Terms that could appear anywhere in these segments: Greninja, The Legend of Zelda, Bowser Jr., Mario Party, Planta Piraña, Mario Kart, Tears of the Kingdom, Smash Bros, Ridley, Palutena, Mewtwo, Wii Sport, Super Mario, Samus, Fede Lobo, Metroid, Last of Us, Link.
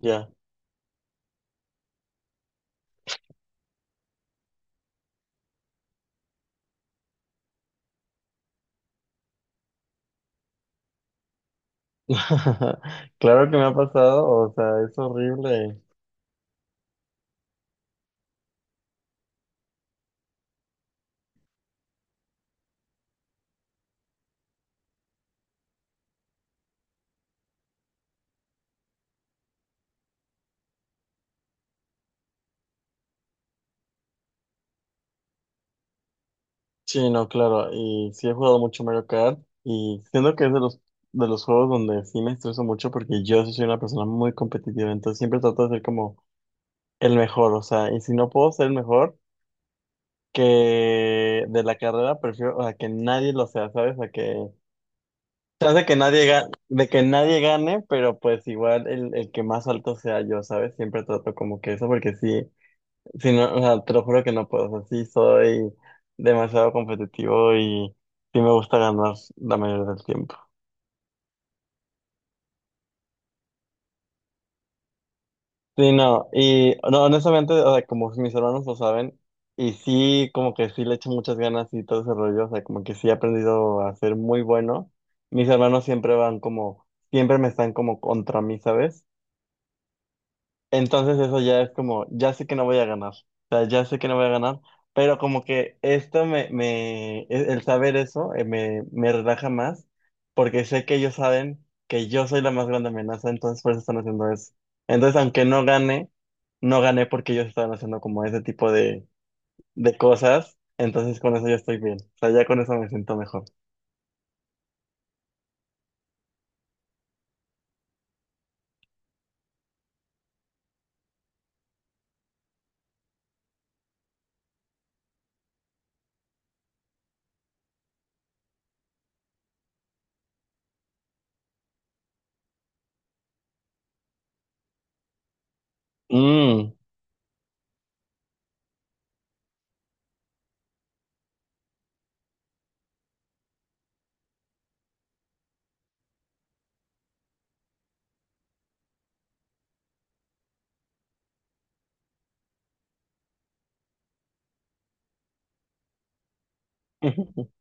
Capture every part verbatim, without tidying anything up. Ya. Claro que me ha pasado, o sea, es horrible. Sí, no, claro, y sí he jugado mucho Mario Kart y siento que es de los de los juegos donde sí me estreso mucho porque yo sí soy una persona muy competitiva, entonces siempre trato de ser como el mejor, o sea, y si no puedo ser el mejor que de la carrera, prefiero o sea que nadie lo sea, ¿sabes? A que chance que nadie gane, de que nadie gane, pero pues igual el, el que más alto sea yo, ¿sabes? Siempre trato como que eso porque sí. Sí, no, o sea, te lo juro que no puedo. O sea, sí soy demasiado competitivo y sí me gusta ganar la mayoría del tiempo. Sí, no, y no, honestamente, o sea, como mis hermanos lo saben, y sí, como que sí le echo muchas ganas y todo ese rollo, o sea, como que sí he aprendido a ser muy bueno. Mis hermanos siempre van como, siempre me están como contra mí, ¿sabes? Entonces eso ya es como, ya sé que no voy a ganar, o sea, ya sé que no voy a ganar, pero como que esto me, me, el el saber eso eh, me, me relaja más, porque sé que ellos saben que yo soy la más grande amenaza, entonces por eso están haciendo eso. Entonces, aunque no gane, no gané porque ellos estaban haciendo como ese tipo de, de cosas, entonces con eso ya estoy bien, o sea, ya con eso me siento mejor. Mm.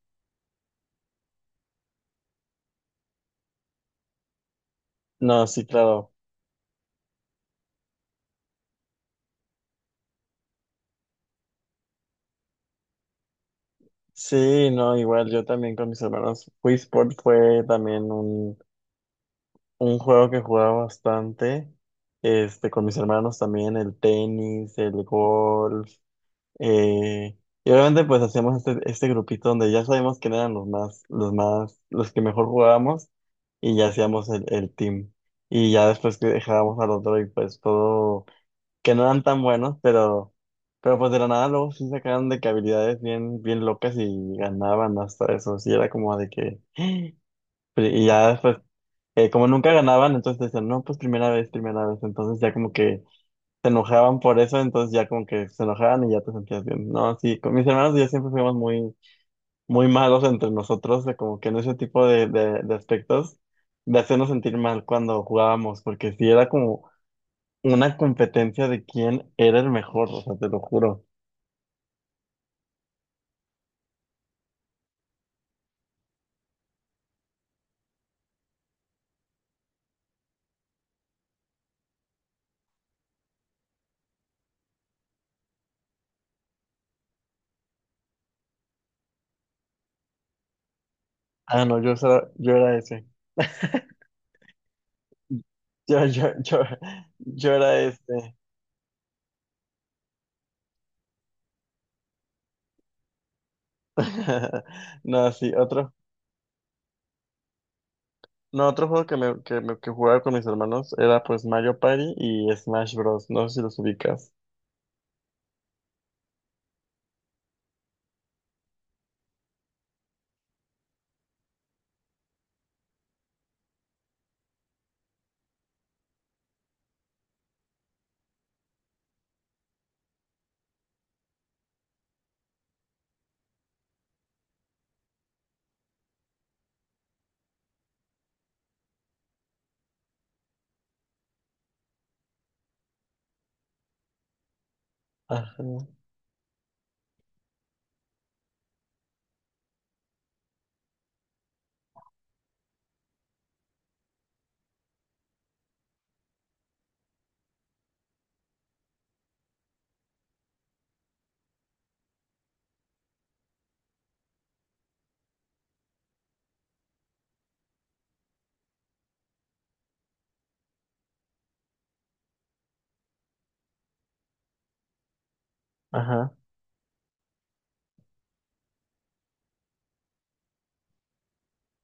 No, sí, claro. Sí, no, igual yo también con mis hermanos. Wii Sport fue también un Un juego que jugaba bastante, este, con mis hermanos también, el tenis, el golf, eh, y obviamente pues hacíamos este, este grupito donde ya sabíamos quién eran los más, los más, los que mejor jugábamos, y ya hacíamos el, el team. Y ya después que dejábamos al otro y pues todo, que no eran tan buenos, pero, pero pues de la nada luego sí sacaban de que habilidades bien, bien locas y ganaban hasta eso, sí era como de que, y ya después eh, como nunca ganaban, entonces decían, no, pues primera vez, primera vez. Entonces ya como que se enojaban por eso, entonces ya como que se enojaban y ya te sentías bien. No, sí, con mis hermanos y yo siempre fuimos muy, muy malos entre nosotros, de como que en ese tipo de, de, de aspectos, de hacernos sentir mal cuando jugábamos, porque sí era como una competencia de quién era el mejor, o sea, te lo juro. Ah, no, yo, era- yo era ese. Yo, yo, yo, yo era este. No, sí, otro. No, otro juego que, me, que, me- que jugaba con mis hermanos era pues Mario Party y Smash Bros. No sé si los ubicas. Ajá, ajá.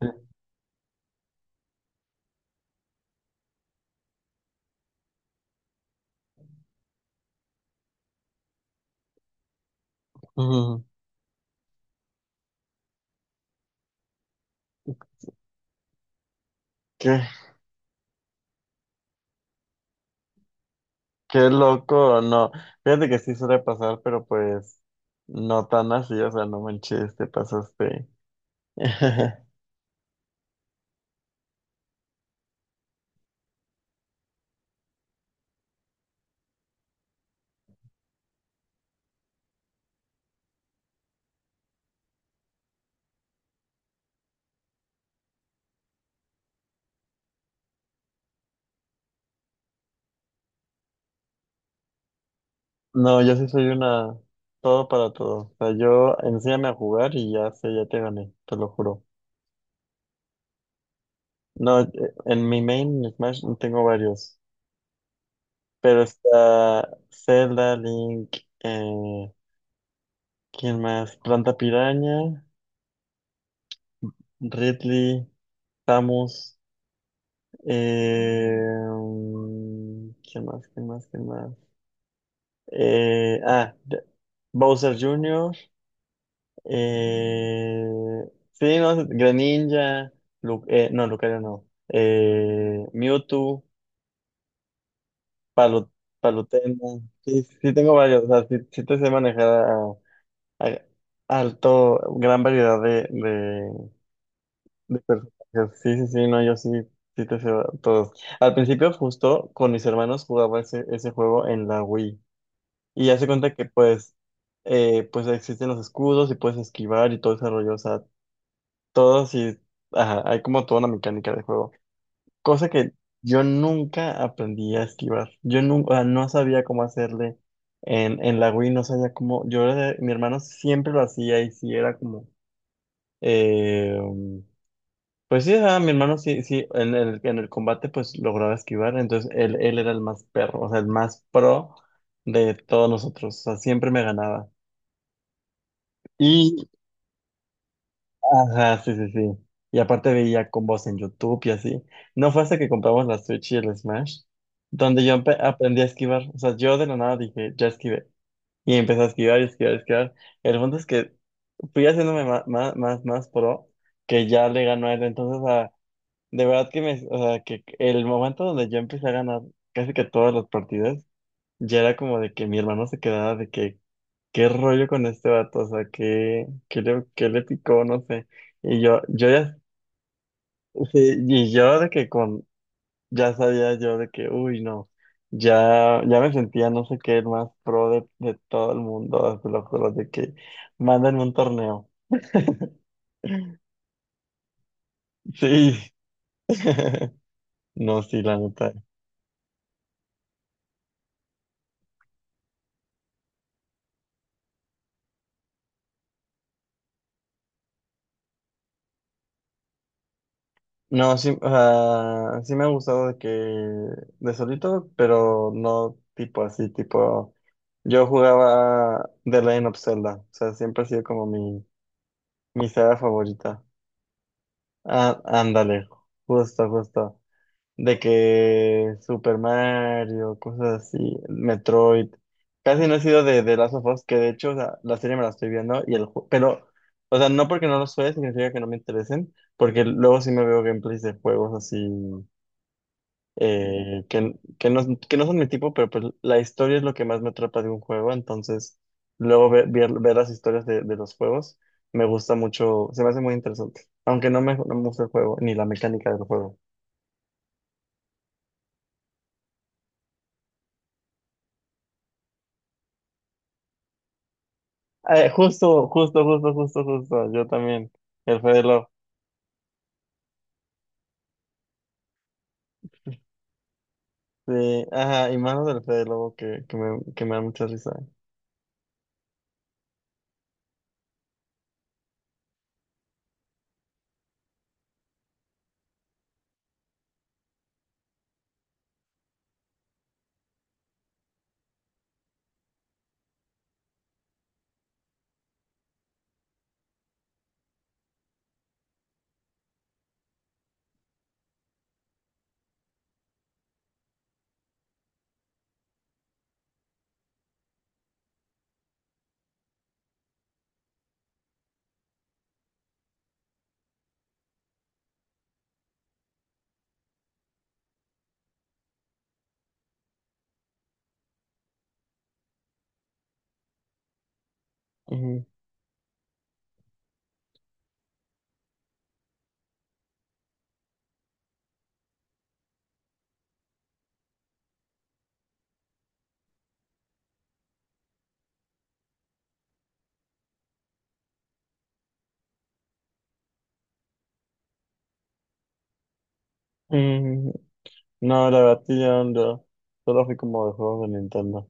Sí. Ujú. Qué, qué loco, no. Fíjate que sí suele pasar, pero pues no tan así, o sea, no manches, te pasaste. No, yo sí soy una todo para todo. O sea, yo enséñame a jugar y ya sé, ya te gané, te lo juro. No, eh, en mi main Smash tengo varios, pero está Zelda, Link, eh, ¿quién más? Planta Piraña, Ridley, Samus, eh, mm, ¿quién más? ¿Quién más? ¿Quién más? Eh, ah, de- Bowser junior, eh, sí, no, Greninja, Lu- eh, no, Lucario no, eh, Mewtwo, Palo, Palutena, sí, sí tengo varios, o sea, sí, sí te sé manejar a, a- alto, gran variedad de, De personajes. Sí, sí, sí, no, yo sí, sí te sé todos. Al principio justo con mis hermanos jugaba ese, ese juego en la Wii y ya se cuenta que pues, eh, pues existen los escudos y puedes esquivar y todo ese rollo, o sea, todos y, ajá, hay como toda una mecánica de juego. Cosa que yo nunca aprendí a esquivar, yo nunca, no sabía cómo hacerle en, en la Wii, no sabía cómo, yo era de- mi hermano siempre lo hacía y sí era como. Eh, pues sí, ajá, mi hermano sí, sí, en el, en el combate pues lograba esquivar, entonces él, él era el más perro, o sea, el más pro de todos nosotros, o sea, siempre me ganaba. Y, ajá, sí, sí, sí. Y aparte veía combos en YouTube y así. No fue hasta que compramos la Switch y el Smash, donde yo empe- aprendí a esquivar, o sea, yo de la nada dije, ya esquivé. Y empecé a esquivar y esquivar y esquivar. El punto es que fui haciéndome más, más, más, más pro, que ya le ganó a él, entonces. De verdad que me, o sea, que el momento donde yo empecé a ganar casi que todas las partidas, ya era como de que mi hermano se quedaba de que, ¿qué rollo con este vato? O sea, ¿qué, qué le, qué le picó? No sé. Y yo, yo ya, sí, y yo de que con, ya sabía yo de que, uy, no, ya, ya me sentía no sé qué, el más pro de, de todo el mundo, ah, te lo juro, de que mandan un torneo. Sí. No, sí, la neta. No, sí, o sea, sí me ha gustado de que de solito, pero no tipo así, tipo yo jugaba The Legend of Zelda, o sea, siempre ha sido como mi, mi saga favorita. Ah, ándale, justo, justo. De que Super Mario, cosas así, Metroid. Casi no he sido de de Last of Us, que de hecho, o sea, la serie me la estoy viendo y el ju- pero, o sea, no porque no los juegue significa que no me interesen, porque luego sí me veo gameplays de juegos así eh, que, que no, que no son mi tipo, pero pues la historia es lo que más me atrapa de un juego, entonces luego ver, ver, ver las historias de, de los juegos me gusta mucho, se me hace muy interesante, aunque no me, no me gusta el juego, ni la mecánica del juego. Eh, justo, justo, justo, justo, justo, yo también, el Fede Lobo. Sí, ajá, y mano del Fede Lobo que, que me, que me da mucha risa. Ujú. Mm, No, la verdad, sí, yo no, solo fui como de juegos de Nintendo.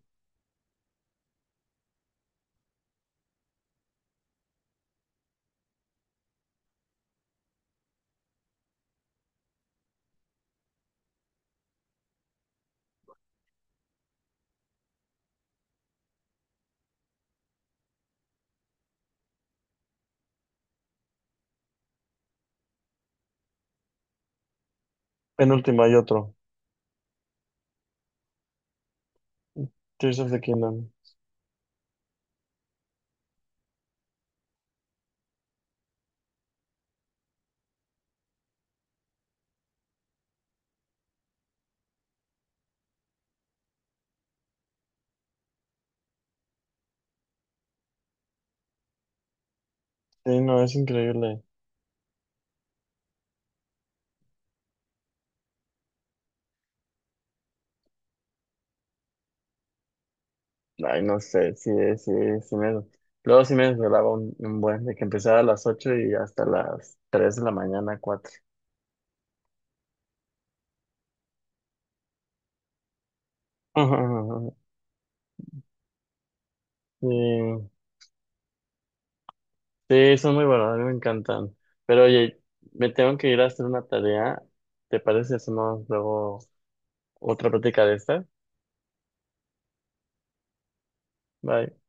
Penúltima hay otro, Tears of the Kingdom. Sí, no, es increíble. Ay, no sé, sí, sí, sí me. Luego sí me desvelaba un, un buen, de que empezaba a las ocho y hasta las tres de la mañana, cuatro. Sí, sí, son muy buenos, a mí me encantan. Pero oye, me tengo que ir a hacer una tarea. ¿Te parece si hacemos luego otra práctica de esta? Bye.